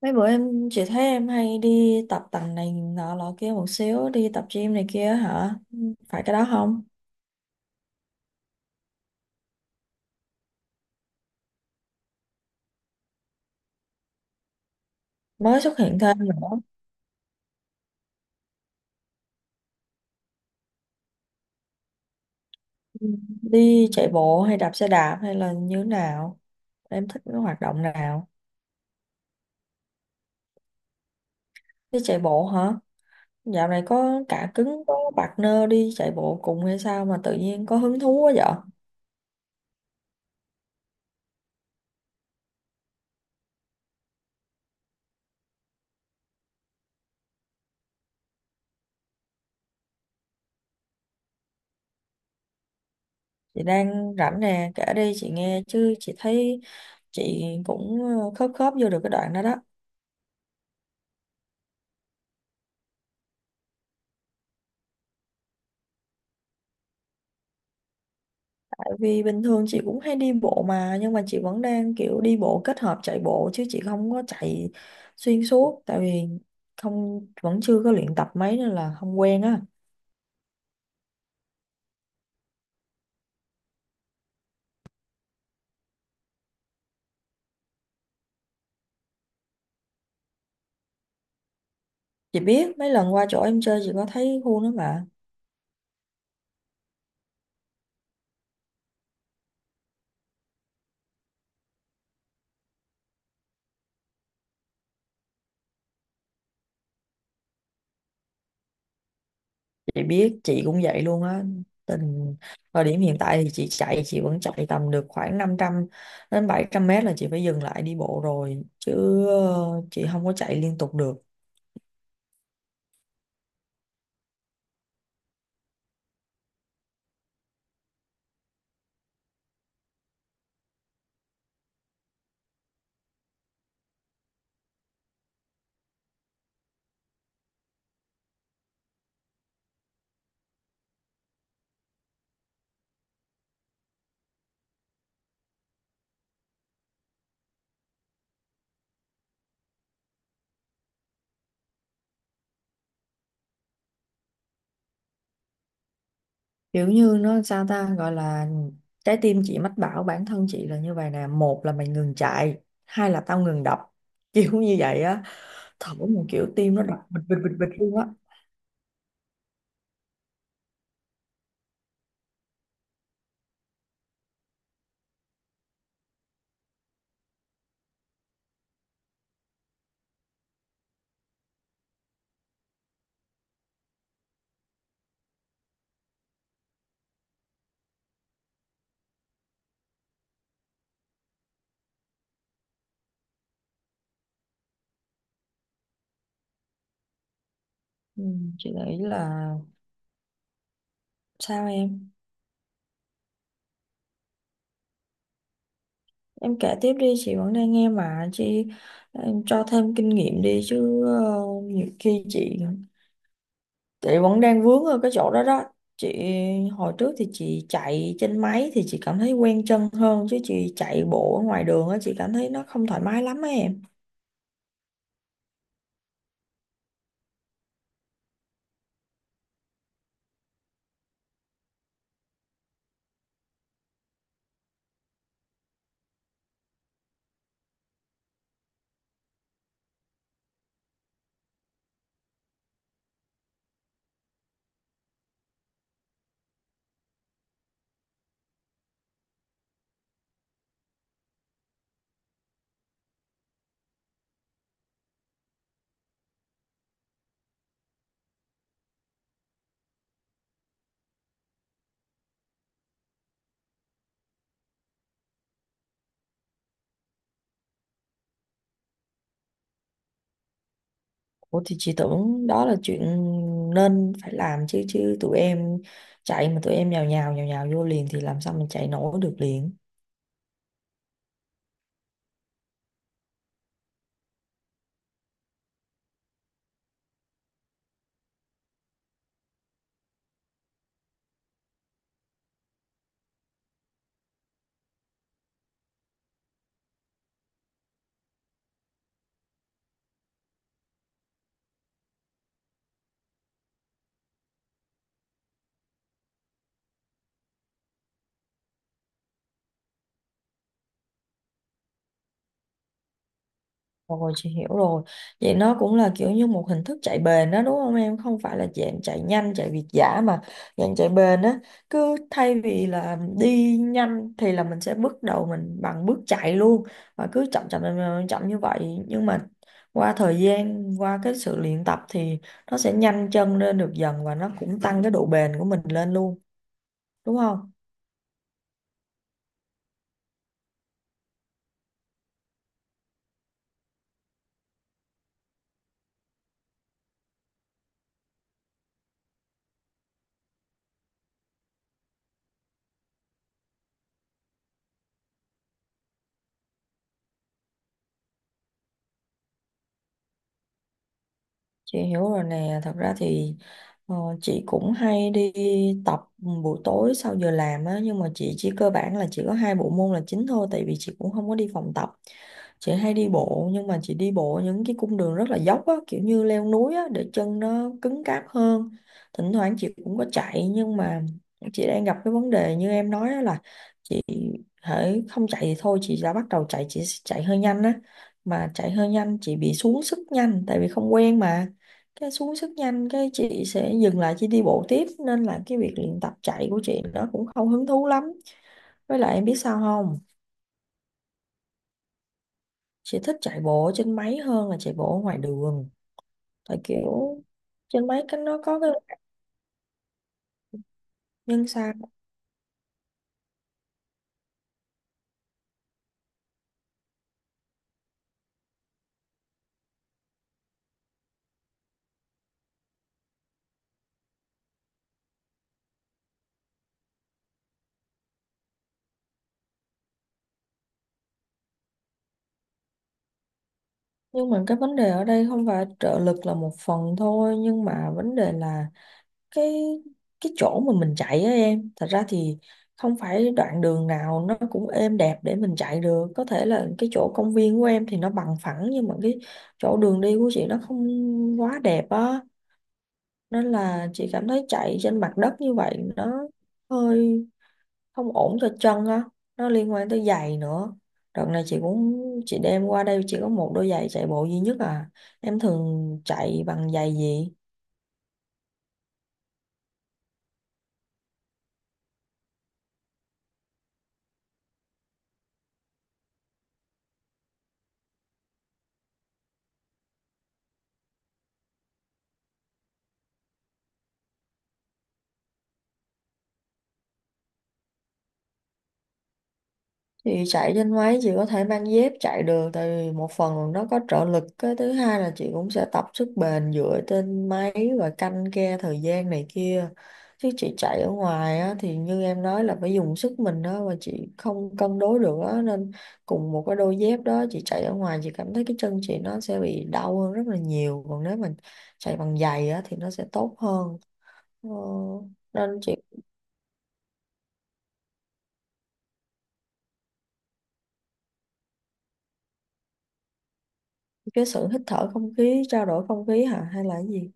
Mấy bữa em, chị thấy em hay đi tập tành này nọ lọ kia một xíu, đi tập gym này kia hả? Phải cái đó không? Mới xuất hiện thêm nữa. Ừ. Đi chạy bộ hay đạp xe đạp hay là như thế nào? Em thích cái hoạt động nào? Đi chạy bộ hả? Dạo này có cả cứng có partner đi chạy bộ cùng hay sao mà tự nhiên có hứng thú quá vậy? Chị đang rảnh nè, kể đi chị nghe, chứ chị thấy chị cũng khớp khớp vô được cái đoạn đó đó. Vì bình thường chị cũng hay đi bộ, mà nhưng mà chị vẫn đang kiểu đi bộ kết hợp chạy bộ, chứ chị không có chạy xuyên suốt, tại vì không vẫn chưa có luyện tập mấy nên là không quen á. Chị biết, mấy lần qua chỗ em chơi chị có thấy khu đó mà. Chị biết, chị cũng vậy luôn á. tình Thời điểm hiện tại thì chị vẫn chạy tầm được khoảng 500 đến 700 mét là chị phải dừng lại đi bộ rồi, chứ chị không có chạy liên tục được. Kiểu như nó sao ta, gọi là trái tim chị mách bảo bản thân chị là như vậy nè: một là mày ngừng chạy, hai là tao ngừng đập, kiểu như vậy á. Thở một kiểu, tim nó đập bịch bịch bịch bịch luôn á. Ừ, chị nghĩ là sao em. Em kể tiếp đi, chị vẫn đang nghe mà. Em cho thêm kinh nghiệm đi chứ. Ờ, Nhiều khi chị, vẫn đang vướng ở cái chỗ đó đó. Chị hồi trước thì chị chạy trên máy thì chị cảm thấy quen chân hơn, chứ chị chạy bộ ở ngoài đường á, chị cảm thấy nó không thoải mái lắm á em. Ủa, thì chị tưởng đó là chuyện nên phải làm chứ chứ tụi em chạy mà tụi em nhào nhào nhào nhào vô liền thì làm sao mình chạy nổi được liền. Rồi chị hiểu rồi. Vậy nó cũng là kiểu như một hình thức chạy bền đó đúng không em? Không phải là dạng chạy nhanh, chạy việt dã, mà dạng chạy bền á. Cứ thay vì là đi nhanh thì là mình sẽ bước đầu mình bằng bước chạy luôn, và cứ chậm chậm chậm, chậm chậm như vậy. Nhưng mà qua thời gian, qua cái sự luyện tập thì nó sẽ nhanh chân lên được dần, và nó cũng tăng cái độ bền của mình lên luôn, đúng không? Chị hiểu rồi nè. Thật ra thì ờ, chị cũng hay đi tập buổi tối sau giờ làm á, nhưng mà chị chỉ cơ bản là chỉ có hai bộ môn là chính thôi, tại vì chị cũng không có đi phòng tập. Chị hay đi bộ, nhưng mà chị đi bộ những cái cung đường rất là dốc á, kiểu như leo núi á, để chân nó cứng cáp hơn. Thỉnh thoảng chị cũng có chạy, nhưng mà chị đang gặp cái vấn đề như em nói á, là chị hễ không chạy thì thôi, chị đã bắt đầu chạy, chị sẽ chạy hơi nhanh á. Mà chạy hơi nhanh chị bị xuống sức nhanh tại vì không quen mà, cái xuống sức nhanh cái chị sẽ dừng lại chị đi bộ tiếp, nên là cái việc luyện tập chạy của chị nó cũng không hứng thú lắm. Với lại em biết sao không, chị thích chạy bộ ở trên máy hơn là chạy bộ ở ngoài đường. Tại kiểu trên máy nó có cái nhân sao. Nhưng mà cái vấn đề ở đây không phải trợ lực là một phần thôi, nhưng mà vấn đề là cái cái chỗ mà mình chạy á em, thật ra thì không phải đoạn đường nào nó cũng êm đẹp để mình chạy được. Có thể là cái chỗ công viên của em thì nó bằng phẳng, nhưng mà cái chỗ đường đi của chị nó không quá đẹp á, nên là chị cảm thấy chạy trên mặt đất như vậy nó hơi không ổn cho chân á. Nó liên quan tới giày nữa. Đợt này chị cũng chị đem qua đây chỉ có một đôi giày chạy bộ duy nhất à. Em thường chạy bằng giày gì? Chị chạy trên máy chị có thể mang dép chạy được, tại vì một phần là nó có trợ lực, cái thứ hai là chị cũng sẽ tập sức bền dựa trên máy và canh ke thời gian này kia, chứ chị chạy ở ngoài á, thì như em nói là phải dùng sức mình đó, và chị không cân đối được á, nên cùng một cái đôi dép đó chị chạy ở ngoài chị cảm thấy cái chân chị nó sẽ bị đau hơn rất là nhiều, còn nếu mà chạy bằng giày á, thì nó sẽ tốt hơn. ờ, Nên chị cái sự hít thở không khí, trao đổi không khí hả, hay là cái gì?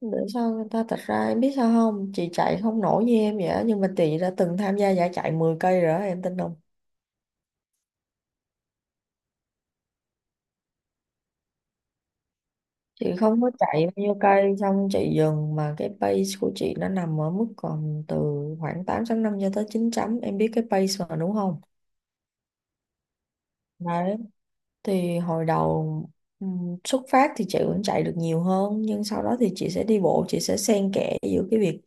Để sao người ta, thật ra em biết sao không, chị chạy không nổi như em vậy á, nhưng mà chị đã từng tham gia giải chạy 10 cây rồi đó, em tin không? Chị không có chạy bao nhiêu cây xong chị dừng, mà cái pace của chị nó nằm ở mức còn từ khoảng 8,5 cho tới 9. Em biết cái pace mà, đúng không? Đấy. Thì hồi đầu xuất phát thì chị vẫn chạy được nhiều hơn, nhưng sau đó thì chị sẽ đi bộ. Chị sẽ xen kẽ giữa cái việc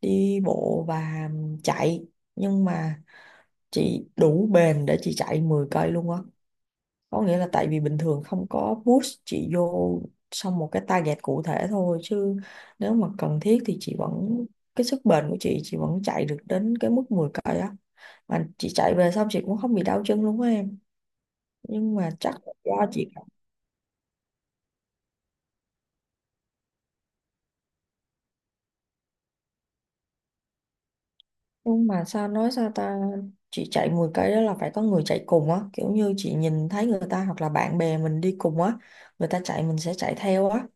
đi bộ và chạy. Nhưng mà chị đủ bền để chị chạy 10 cây luôn á, có nghĩa là tại vì bình thường không có push chị vô xong một cái target cụ thể thôi, chứ nếu mà cần thiết thì chị vẫn, cái sức bền của chị vẫn chạy được đến cái mức 10 cây á, mà chị chạy về xong chị cũng không bị đau chân luôn á em. Nhưng mà chắc là do chị. Nhưng mà sao nói sao ta, chị chạy 10 cây đó là phải có người chạy cùng á, kiểu như chị nhìn thấy người ta hoặc là bạn bè mình đi cùng á, người ta chạy mình sẽ chạy theo á,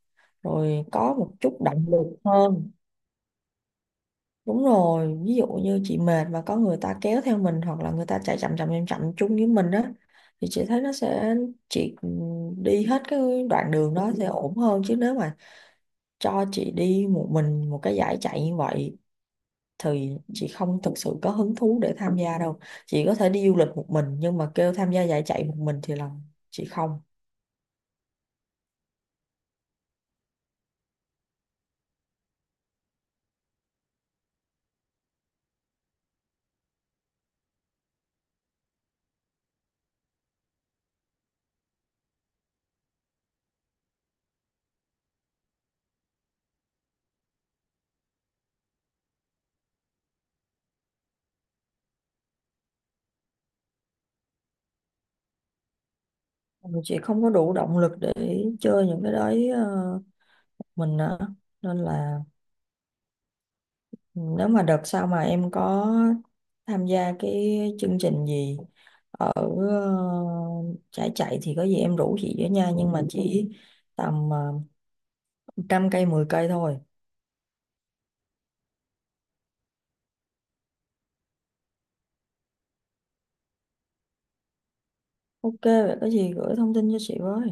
rồi có một chút động lực hơn. Đúng rồi, ví dụ như chị mệt mà có người ta kéo theo mình, hoặc là người ta chạy chậm chậm chậm chậm chung với mình á, thì chị thấy nó sẽ, chị đi hết cái đoạn đường đó sẽ ổn hơn, chứ nếu mà cho chị đi một mình một cái dải chạy như vậy thì chị không thực sự có hứng thú để tham gia đâu. Chị có thể đi du lịch một mình, nhưng mà kêu tham gia dải chạy một mình thì là chị không. Chị không có đủ động lực để chơi những cái đấy mình á, nên là. Ừ, nếu mà đợt sau mà em có tham gia cái chương trình gì ở trải chạy thì có gì em rủ chị với nha, nhưng mà chỉ tầm 100 10 thôi. Ok, vậy có gì gửi thông tin cho chị với.